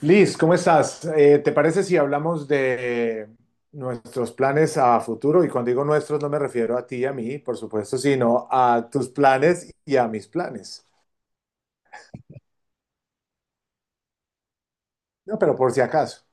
Liz, ¿cómo estás? ¿Te parece si hablamos de nuestros planes a futuro? Y cuando digo nuestros no me refiero a ti y a mí, por supuesto, sino a tus planes y a mis planes. No, pero por si acaso.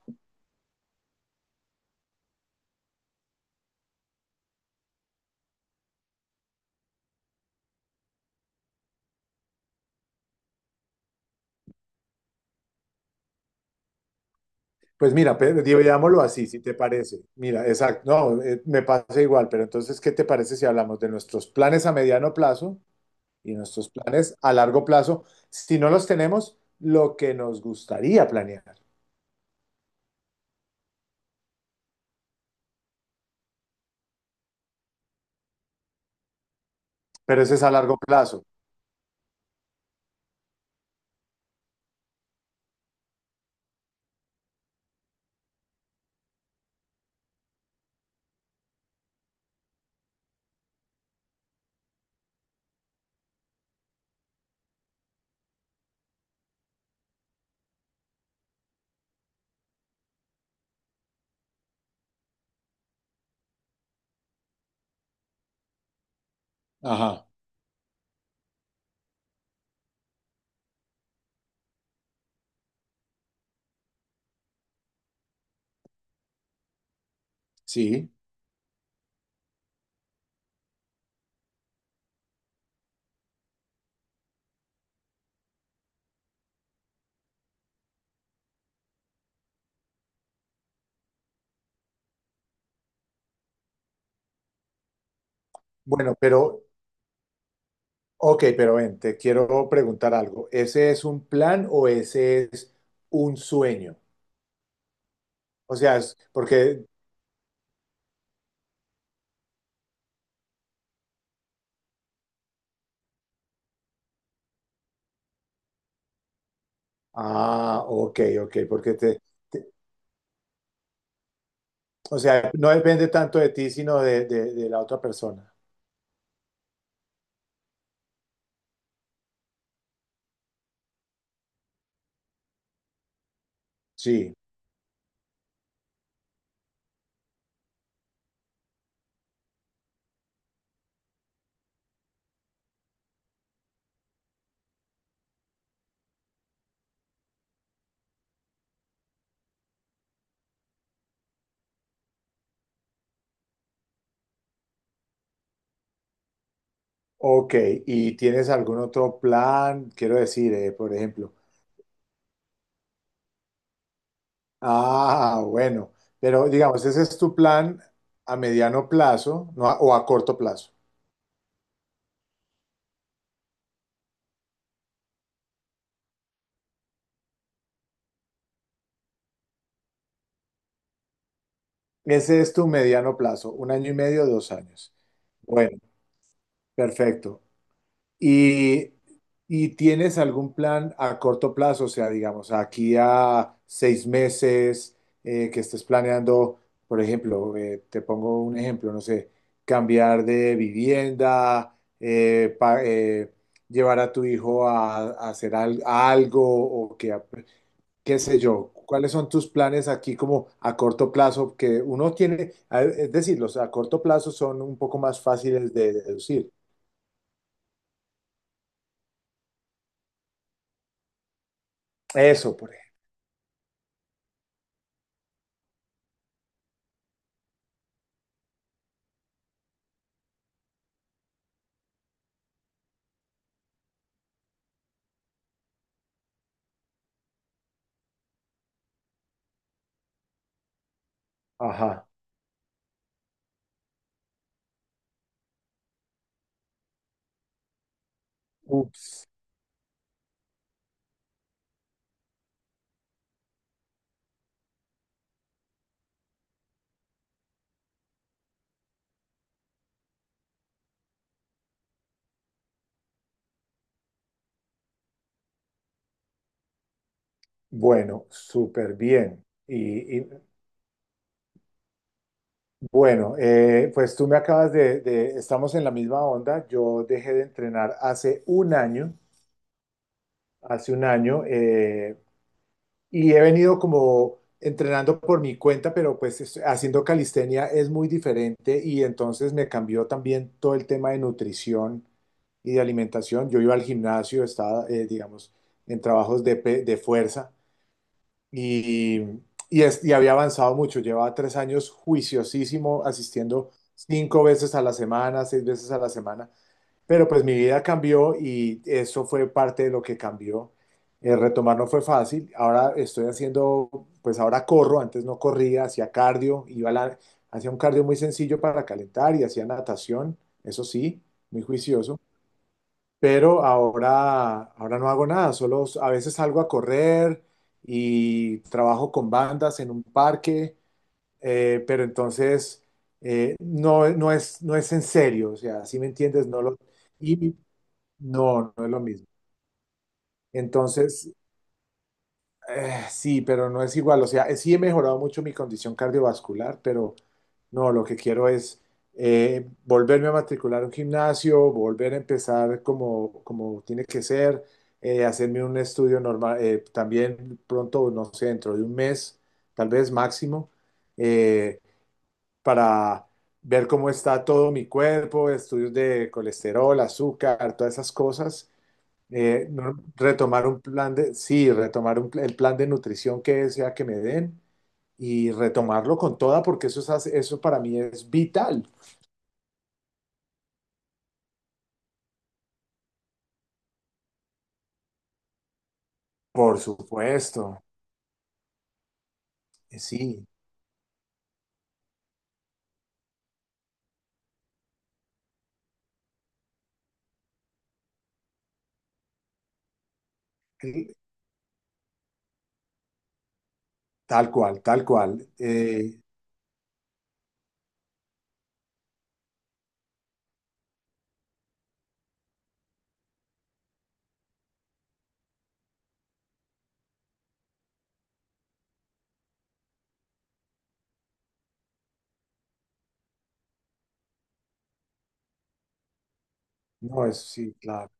Pues mira, digámoslo así, si te parece. Mira, exacto, no, me pasa igual, pero entonces, ¿qué te parece si hablamos de nuestros planes a mediano plazo y nuestros planes a largo plazo? Si no los tenemos, lo que nos gustaría planear, pero ese es a largo plazo. Ajá, sí. Bueno. Ok, pero ven, te quiero preguntar algo. ¿Ese es un plan o ese es un sueño? O sea, es porque... Ah, ok, ok, te- O sea, no depende tanto de ti, sino de, de la otra persona. Sí, ok. ¿Y tienes algún otro plan? Quiero decir, por ejemplo. Ah, bueno. Pero digamos, ese es tu plan a mediano plazo, no a- o a corto plazo. Ese es tu mediano plazo, un año y medio, dos años. Bueno, perfecto. Y, y tienes algún plan a corto plazo, o sea, digamos, aquí a seis meses que estés planeando, por ejemplo, te pongo un ejemplo, no sé, cambiar de vivienda, llevar a tu hijo a, a algo o que, qué sé yo. ¿Cuáles son tus planes aquí como a corto plazo que uno tiene? Es decir, los a corto plazo son un poco más fáciles de deducir. Eso, por ejemplo. Ajá. Ups. Bueno, súper bien. Y bueno, pues tú me acabas de, estamos en la misma onda. Yo dejé de entrenar hace un año, y he venido como entrenando por mi cuenta, pero haciendo calistenia es muy diferente y entonces me cambió también todo el tema de nutrición y de alimentación. Yo iba al gimnasio, estaba, digamos, en trabajos de, de fuerza. y, y había avanzado mucho. Llevaba tres años juiciosísimo, asistiendo cinco veces a la semana, seis veces a la semana. Pero pues mi vida cambió y eso fue parte de lo que cambió. Retomar no fue fácil. Ahora estoy haciendo, pues ahora corro, antes no corría, hacía cardio, hacía un cardio muy sencillo para calentar y hacía natación, eso sí, muy juicioso, pero ahora, ahora no hago nada, a veces salgo a correr y trabajo con bandas en un parque, pero entonces no, no es, no es en serio, o sea, si me entiendes, y no, no es lo mismo. Entonces, sí, pero no es igual. O sea, sí he mejorado mucho mi condición cardiovascular, pero no, lo que quiero es volverme a matricular a un gimnasio, volver a empezar como, como tiene que ser, hacerme un estudio normal, también pronto, no sé, dentro de un mes, tal vez máximo, eh, para ver cómo está todo mi cuerpo, estudios de colesterol, azúcar, todas esas cosas. Retomar un plan de, sí, retomar un el plan de nutrición que sea que me den y retomarlo con toda, porque eso es, eso para mí es vital. Por supuesto, eh, sí, eh, tal cual, tal cual. No, es sí, claro.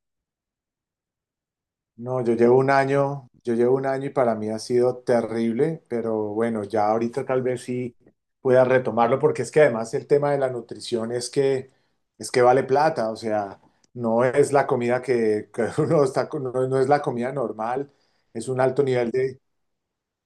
No, yo llevo un año, yo llevo un año y para mí ha sido terrible, pero bueno, ya ahorita tal vez sí pueda retomarlo, porque es que además el tema de la nutrición es que vale plata, o sea, no es la comida que uno está, no, no es la comida normal, es un alto nivel.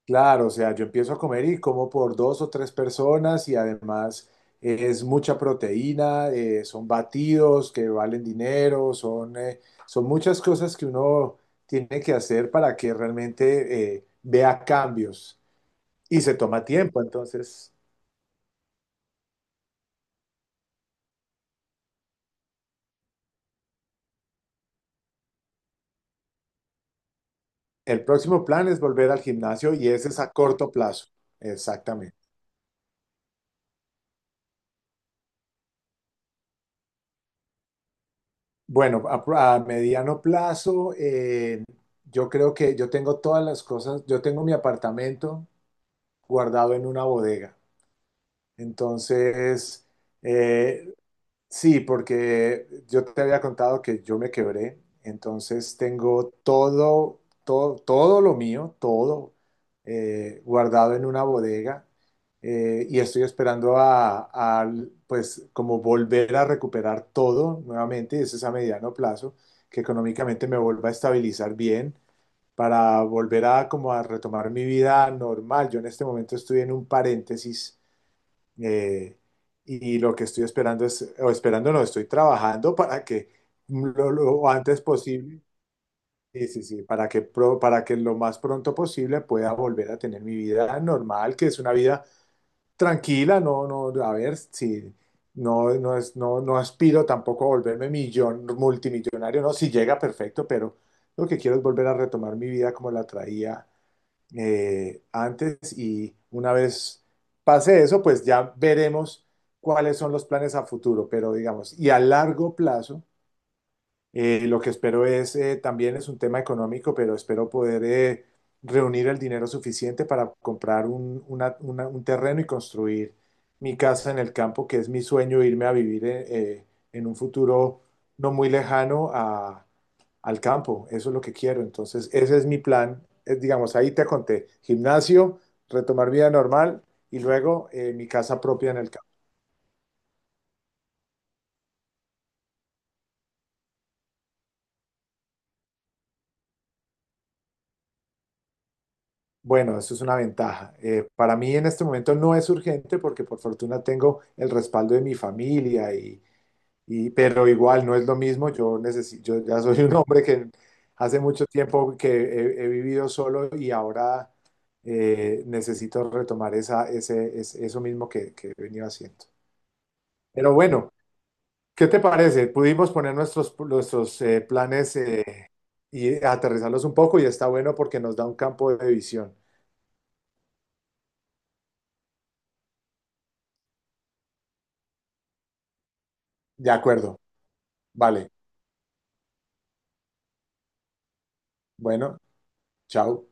Claro, o sea, yo empiezo a comer y como por dos o tres personas y además es mucha proteína, son batidos que valen dinero, son, son muchas cosas que uno tiene que hacer para que realmente vea cambios y se toma tiempo. Entonces, el próximo plan es volver al gimnasio y ese es a corto plazo, exactamente. Bueno, a mediano plazo, yo creo que yo tengo todas las cosas, yo tengo mi apartamento guardado en una bodega. Entonces, eh, sí, porque yo te había contado que yo me quebré, entonces tengo todo, todo, todo lo mío, todo guardado en una bodega, y estoy esperando a, pues, como volver a recuperar todo nuevamente, y eso es a mediano plazo, que económicamente me vuelva a estabilizar bien para volver a como a retomar mi vida normal. Yo en este momento estoy en un paréntesis, eh, y lo que estoy esperando es, o esperando no, estoy trabajando para que lo antes posible, sí, sí, sí, para que, para que lo más pronto posible pueda volver a tener mi vida normal, que es una vida tranquila, no, no, a ver, si no, no es, no, no aspiro tampoco a volverme millón, multimillonario, no, si llega perfecto, pero lo que quiero es volver a retomar mi vida como la traía antes y una vez pase eso, pues ya veremos cuáles son los planes a futuro, pero digamos, y a largo plazo, lo que espero es, también es un tema económico, pero espero poder reunir el dinero suficiente para comprar un terreno y construir mi casa en el campo, que es mi sueño, irme a vivir eh, en un futuro no muy lejano a, al campo, eso es lo que quiero. Entonces, ese es mi plan. Es, digamos, ahí te conté, gimnasio, retomar vida normal y luego mi casa propia en el campo. Bueno, eso es una ventaja. Para mí en este momento no es urgente porque por fortuna tengo el respaldo de mi familia pero igual no es lo mismo. Yo ya soy un hombre que hace mucho tiempo que he, he vivido solo y ahora necesito retomar esa, ese, eso mismo que he venido haciendo. Pero bueno, ¿qué te parece? Pudimos poner nuestros, nuestros planes, y aterrizarlos un poco y está bueno porque nos da un campo de visión. De acuerdo. Vale. Bueno, chao.